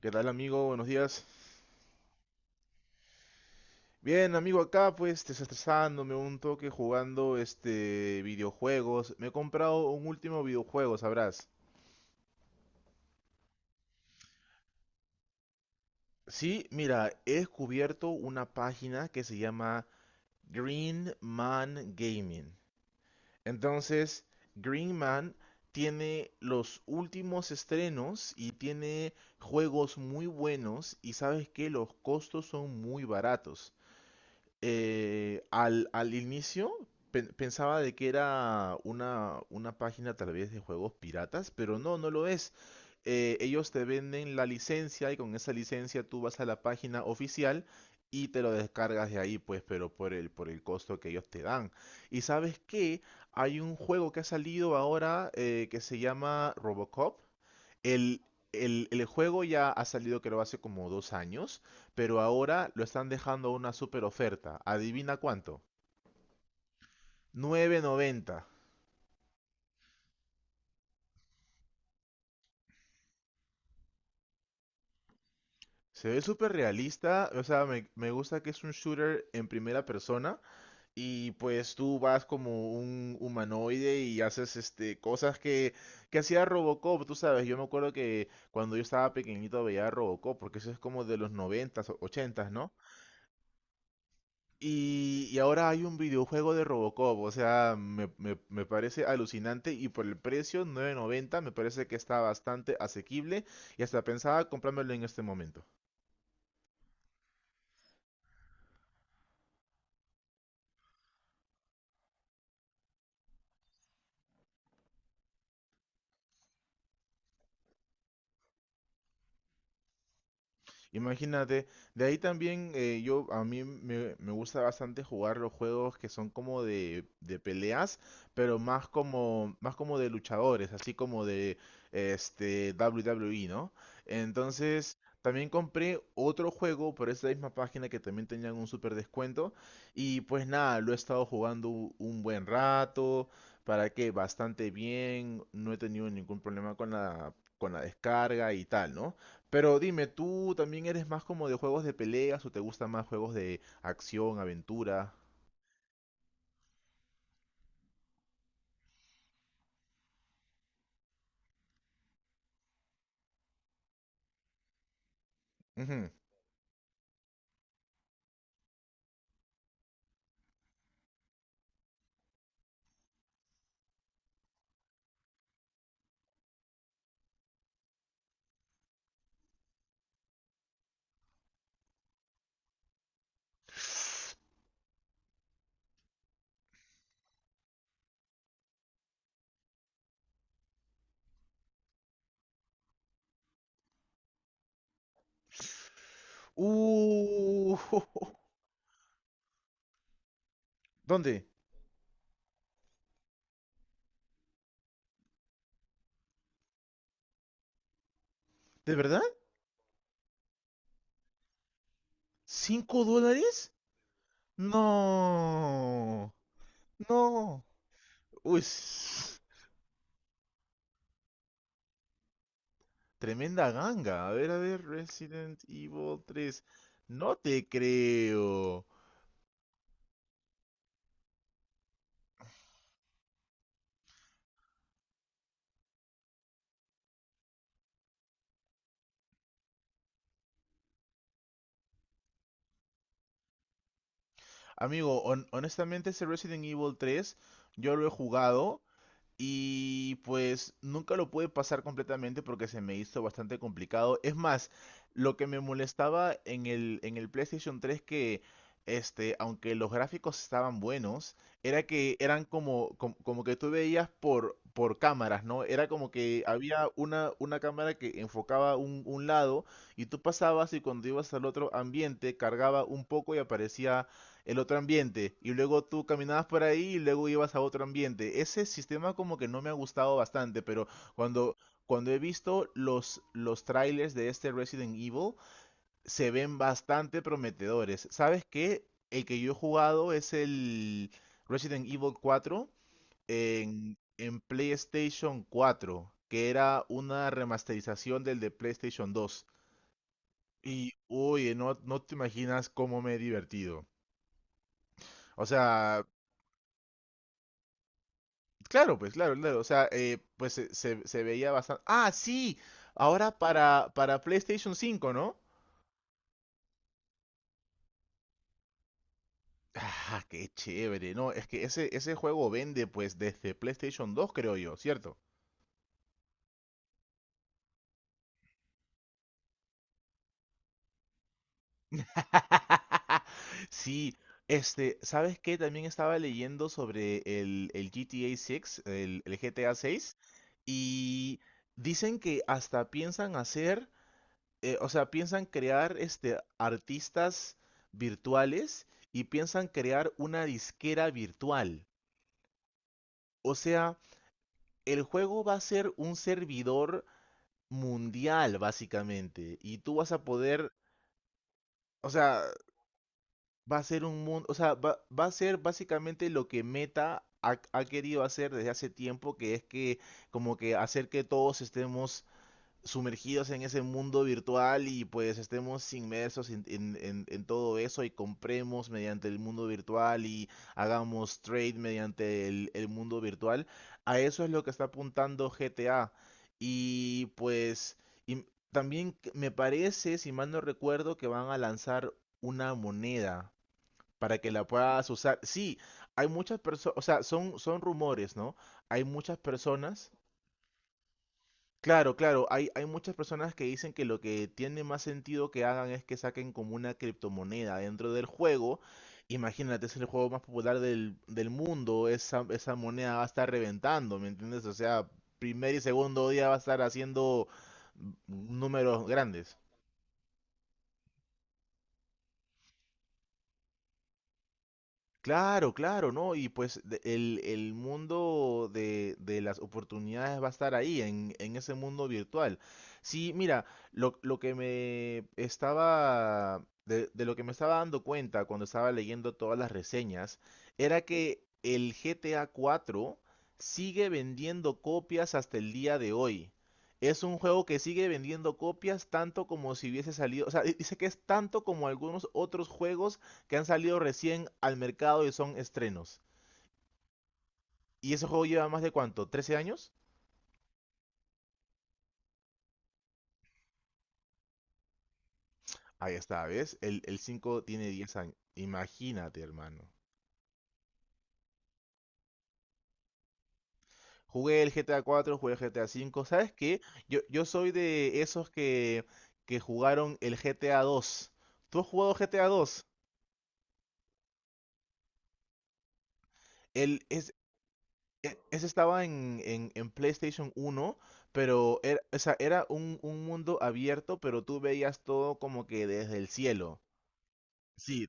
¿Qué tal, amigo? Buenos días. Bien, amigo, acá pues desestresándome un toque jugando este videojuegos. Me he comprado un último videojuego, sabrás. Sí, mira, he descubierto una página que se llama Green Man Gaming. Entonces, Green Man tiene los últimos estrenos y tiene juegos muy buenos y sabes que los costos son muy baratos. Al inicio pensaba de que era una página tal vez de juegos piratas, pero no, no lo es. Ellos te venden la licencia y con esa licencia tú vas a la página oficial y te lo descargas de ahí, pues, pero por el costo que ellos te dan. Y sabes que hay un juego que ha salido ahora que se llama Robocop. El, el, el juego ya ha salido creo hace como 2 años, pero ahora lo están dejando a una super oferta. ¿Adivina cuánto? 9,90. Se ve súper realista, o sea, me gusta que es un shooter en primera persona y pues tú vas como un humanoide y haces este cosas que hacía Robocop, tú sabes, yo me acuerdo que cuando yo estaba pequeñito veía Robocop, porque eso es como de los noventas, s 80, ¿no? Y ahora hay un videojuego de Robocop, o sea, me parece alucinante y por el precio, 9,90, me parece que está bastante asequible y hasta pensaba comprármelo en este momento. Imagínate, de ahí también, yo a mí me gusta bastante jugar los juegos que son como de peleas, pero más como de luchadores, así como de este WWE, ¿no? Entonces, también compré otro juego por esa misma página que también tenían un super descuento y pues nada, lo he estado jugando un buen rato, para que bastante bien, no he tenido ningún problema con la descarga y tal, ¿no? Pero dime, ¿tú también eres más como de juegos de peleas o te gustan más juegos de acción, aventura? Ujú. Uh, ¿Dónde? ¿De verdad? ¿Cinco dólares? No, no. Uy, tremenda ganga. A ver, Resident Evil 3. No te creo. Amigo, honestamente ese Resident Evil 3 yo lo he jugado. Y pues nunca lo pude pasar completamente porque se me hizo bastante complicado. Es más, lo que me molestaba en el PlayStation 3 que, este, aunque los gráficos estaban buenos, era que eran como que tú veías por cámaras, ¿no? Era como que había una cámara que enfocaba un lado y tú pasabas y cuando ibas al otro ambiente cargaba un poco y aparecía el otro ambiente y luego tú caminabas por ahí y luego ibas a otro ambiente. Ese sistema como que no me ha gustado bastante, pero cuando cuando he visto los trailers de este Resident Evil se ven bastante prometedores. ¿Sabes qué? El que yo he jugado es el Resident Evil cuatro en PlayStation cuatro, que era una remasterización del de PlayStation dos. Uy, no, no te imaginas cómo me he divertido. O sea, claro, pues claro, claro. O sea, pues se veía bastante. Ah, sí, ahora para, PlayStation 5, ¿no? Ah, qué chévere, no, es que ese juego vende pues desde PlayStation 2, creo yo, ¿cierto? Sí, este, ¿sabes qué? También estaba leyendo sobre el GTA 6, el GTA 6, y dicen que hasta piensan hacer, o sea, piensan crear este artistas virtuales y piensan crear una disquera virtual. O sea, el juego va a ser un servidor mundial, básicamente. Y tú vas a poder, o sea, va a ser un mundo, o sea, va a ser básicamente lo que Meta ha querido hacer desde hace tiempo, que es que como que hacer que todos estemos sumergidos en ese mundo virtual y pues estemos inmersos en todo eso y compremos mediante el mundo virtual y hagamos trade mediante el mundo virtual. A eso es lo que está apuntando GTA. Y pues y también me parece, si mal no recuerdo, que van a lanzar una moneda para que la puedas usar. Sí, hay muchas personas, o sea, son rumores, ¿no? Hay muchas personas. Claro, claro, hay muchas personas que dicen que lo que tiene más sentido que hagan es que saquen como una criptomoneda dentro del juego. Imagínate, es el juego más popular del mundo, esa moneda va a estar reventando, ¿me entiendes? O sea, primer y segundo día va a estar haciendo números grandes. Claro, claro, ¿no? Y pues el mundo de las oportunidades va a estar ahí, en ese mundo virtual. Sí, mira, lo que me estaba, de lo que me estaba dando cuenta cuando estaba leyendo todas las reseñas, era que el GTA 4 sigue vendiendo copias hasta el día de hoy. Es un juego que sigue vendiendo copias tanto como si hubiese salido, o sea, dice que es tanto como algunos otros juegos que han salido recién al mercado y son estrenos. ¿Y ese juego lleva más de cuánto? ¿13 años? Ahí está, ¿ves? El 5 tiene 10 años. Imagínate, hermano. Jugué el GTA cuatro, jugué el GTA cinco. ¿Sabes qué? Yo soy de esos que jugaron el GTA dos. ¿Tú has jugado GTA dos? El, es, Ese estaba en PlayStation uno, pero era, o sea, era un mundo abierto, pero tú veías todo como que desde el cielo. Sí,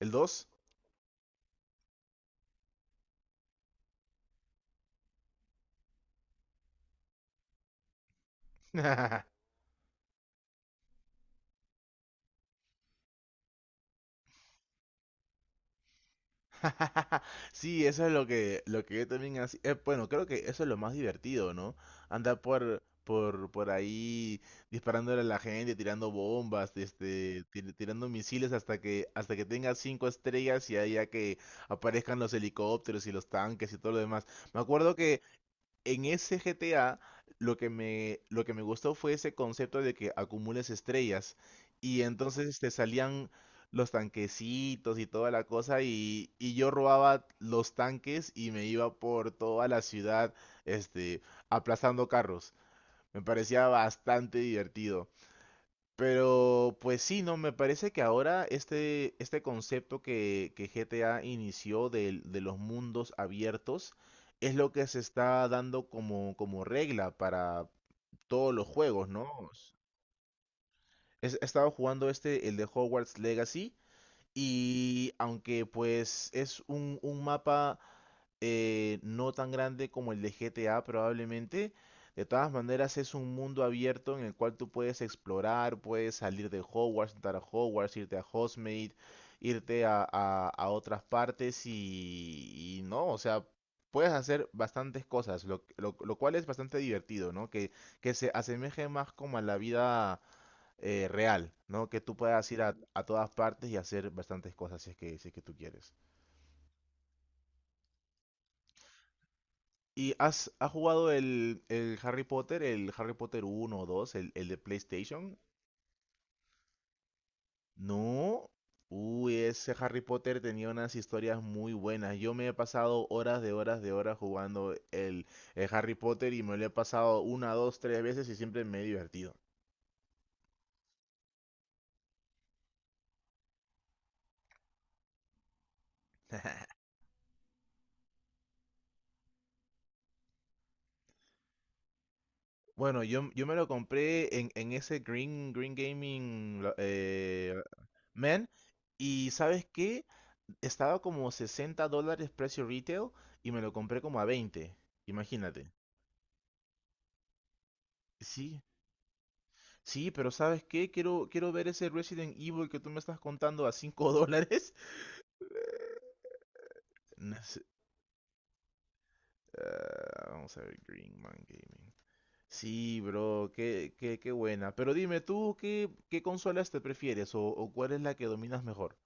el dos. Sí, eso es lo que yo también hacía. Bueno, creo que eso es lo más divertido, ¿no? Andar por ahí disparándole a la gente, tirando bombas, este, tirando misiles hasta que tenga cinco estrellas y ahí ya que aparezcan los helicópteros y los tanques y todo lo demás. Me acuerdo que en ese GTA lo que me gustó fue ese concepto de que acumules estrellas y entonces te salían los tanquecitos y toda la cosa y yo robaba los tanques y me iba por toda la ciudad, este, aplastando carros. Me parecía bastante divertido. Pero pues sí, no, me parece que ahora este concepto que GTA inició los mundos abiertos es lo que se está dando como regla para todos los juegos, ¿no? He estado jugando este, el de Hogwarts Legacy, y aunque pues es un mapa, no tan grande como el de GTA probablemente, de todas maneras es un mundo abierto en el cual tú puedes explorar, puedes salir de Hogwarts, entrar a Hogwarts, irte a Hogsmeade, irte a otras partes y, no, o sea, puedes hacer bastantes cosas, lo cual es bastante divertido, ¿no? Que se asemeje más como a la vida, real, ¿no? Que tú puedas ir a todas partes y hacer bastantes cosas si es que tú quieres. ¿Y has jugado el Harry Potter, el Harry Potter uno o 2, el de PlayStation? No. Uy, ese Harry Potter tenía unas historias muy buenas. Yo me he pasado horas de horas de horas jugando el Harry Potter y me lo he pasado una, dos, tres veces y siempre me he divertido. Bueno, yo me lo compré en, ese Green Gaming, Men, y ¿sabes qué? Estaba como $60 precio retail y me lo compré como a 20. Imagínate. Sí, sí, pero ¿sabes qué? Quiero ver ese Resident Evil que tú me estás contando a $5. No sé, vamos a ver, Green Man Gaming. Sí, bro, qué buena. Pero dime, ¿tú qué consolas te prefieres o cuál es la que dominas mejor?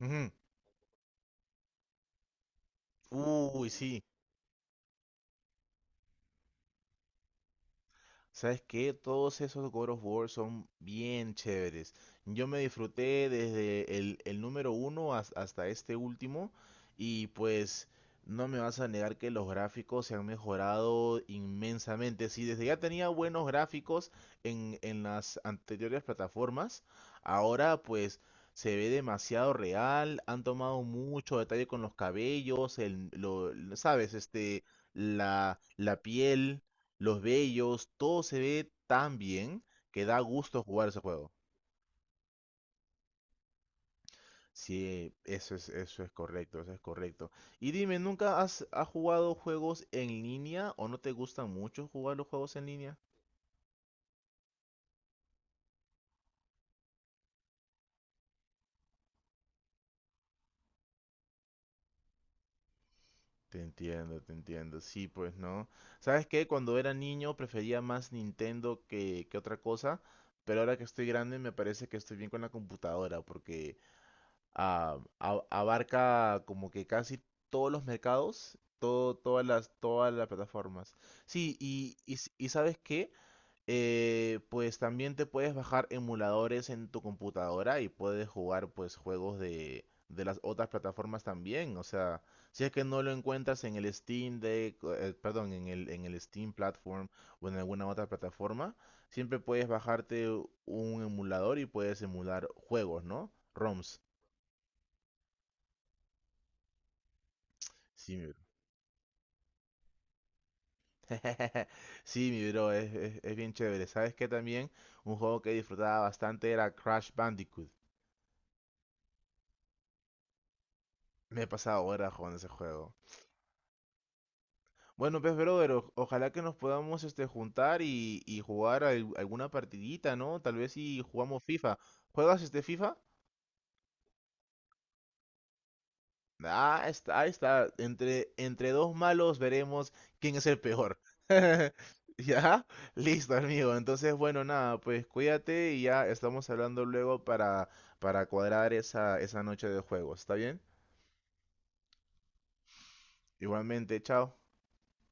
Ujú. Uy, sí. ¿Sabes qué? Todos esos God of War son bien chéveres. Yo me disfruté desde el número uno hasta este último y pues no me vas a negar que los gráficos se han mejorado inmensamente. Si desde ya tenía buenos gráficos en las anteriores plataformas, ahora pues se ve demasiado real, han tomado mucho detalle con los cabellos, ¿sabes? Este, la piel, los bellos, todo se ve tan bien que da gusto jugar ese juego. Sí, eso es correcto, eso es correcto. Y dime, ¿nunca has jugado juegos en línea o no te gusta mucho jugar los juegos en línea? Te entiendo, te entiendo. Sí, pues no. ¿Sabes qué? Cuando era niño prefería más Nintendo que otra cosa, pero ahora que estoy grande me parece que estoy bien con la computadora porque, abarca como que casi todos los mercados, todo, todas las plataformas. Sí, ¿sabes qué? Pues también te puedes bajar emuladores en tu computadora y puedes jugar pues juegos de las otras plataformas también. O sea, si es que no lo encuentras en el Steam Deck, perdón, en el Steam Platform o en alguna otra plataforma, siempre puedes bajarte un emulador y puedes emular juegos, ¿no? ROMs. Sí, Sí, mi bro, es bien chévere. ¿Sabes qué también? Un juego que disfrutaba bastante era Crash Bandicoot. Me he pasado horas jugando ese juego. Bueno, pues, brother, ojalá que nos podamos este, juntar y jugar alguna partidita, ¿no? Tal vez si jugamos FIFA. ¿Juegas este FIFA? Ah, está, ahí está. Entre dos malos veremos quién es el peor. ¿Ya? Listo, amigo. Entonces, bueno, nada, pues cuídate y ya estamos hablando luego para, cuadrar esa noche de juegos. ¿Está bien? Igualmente, chao.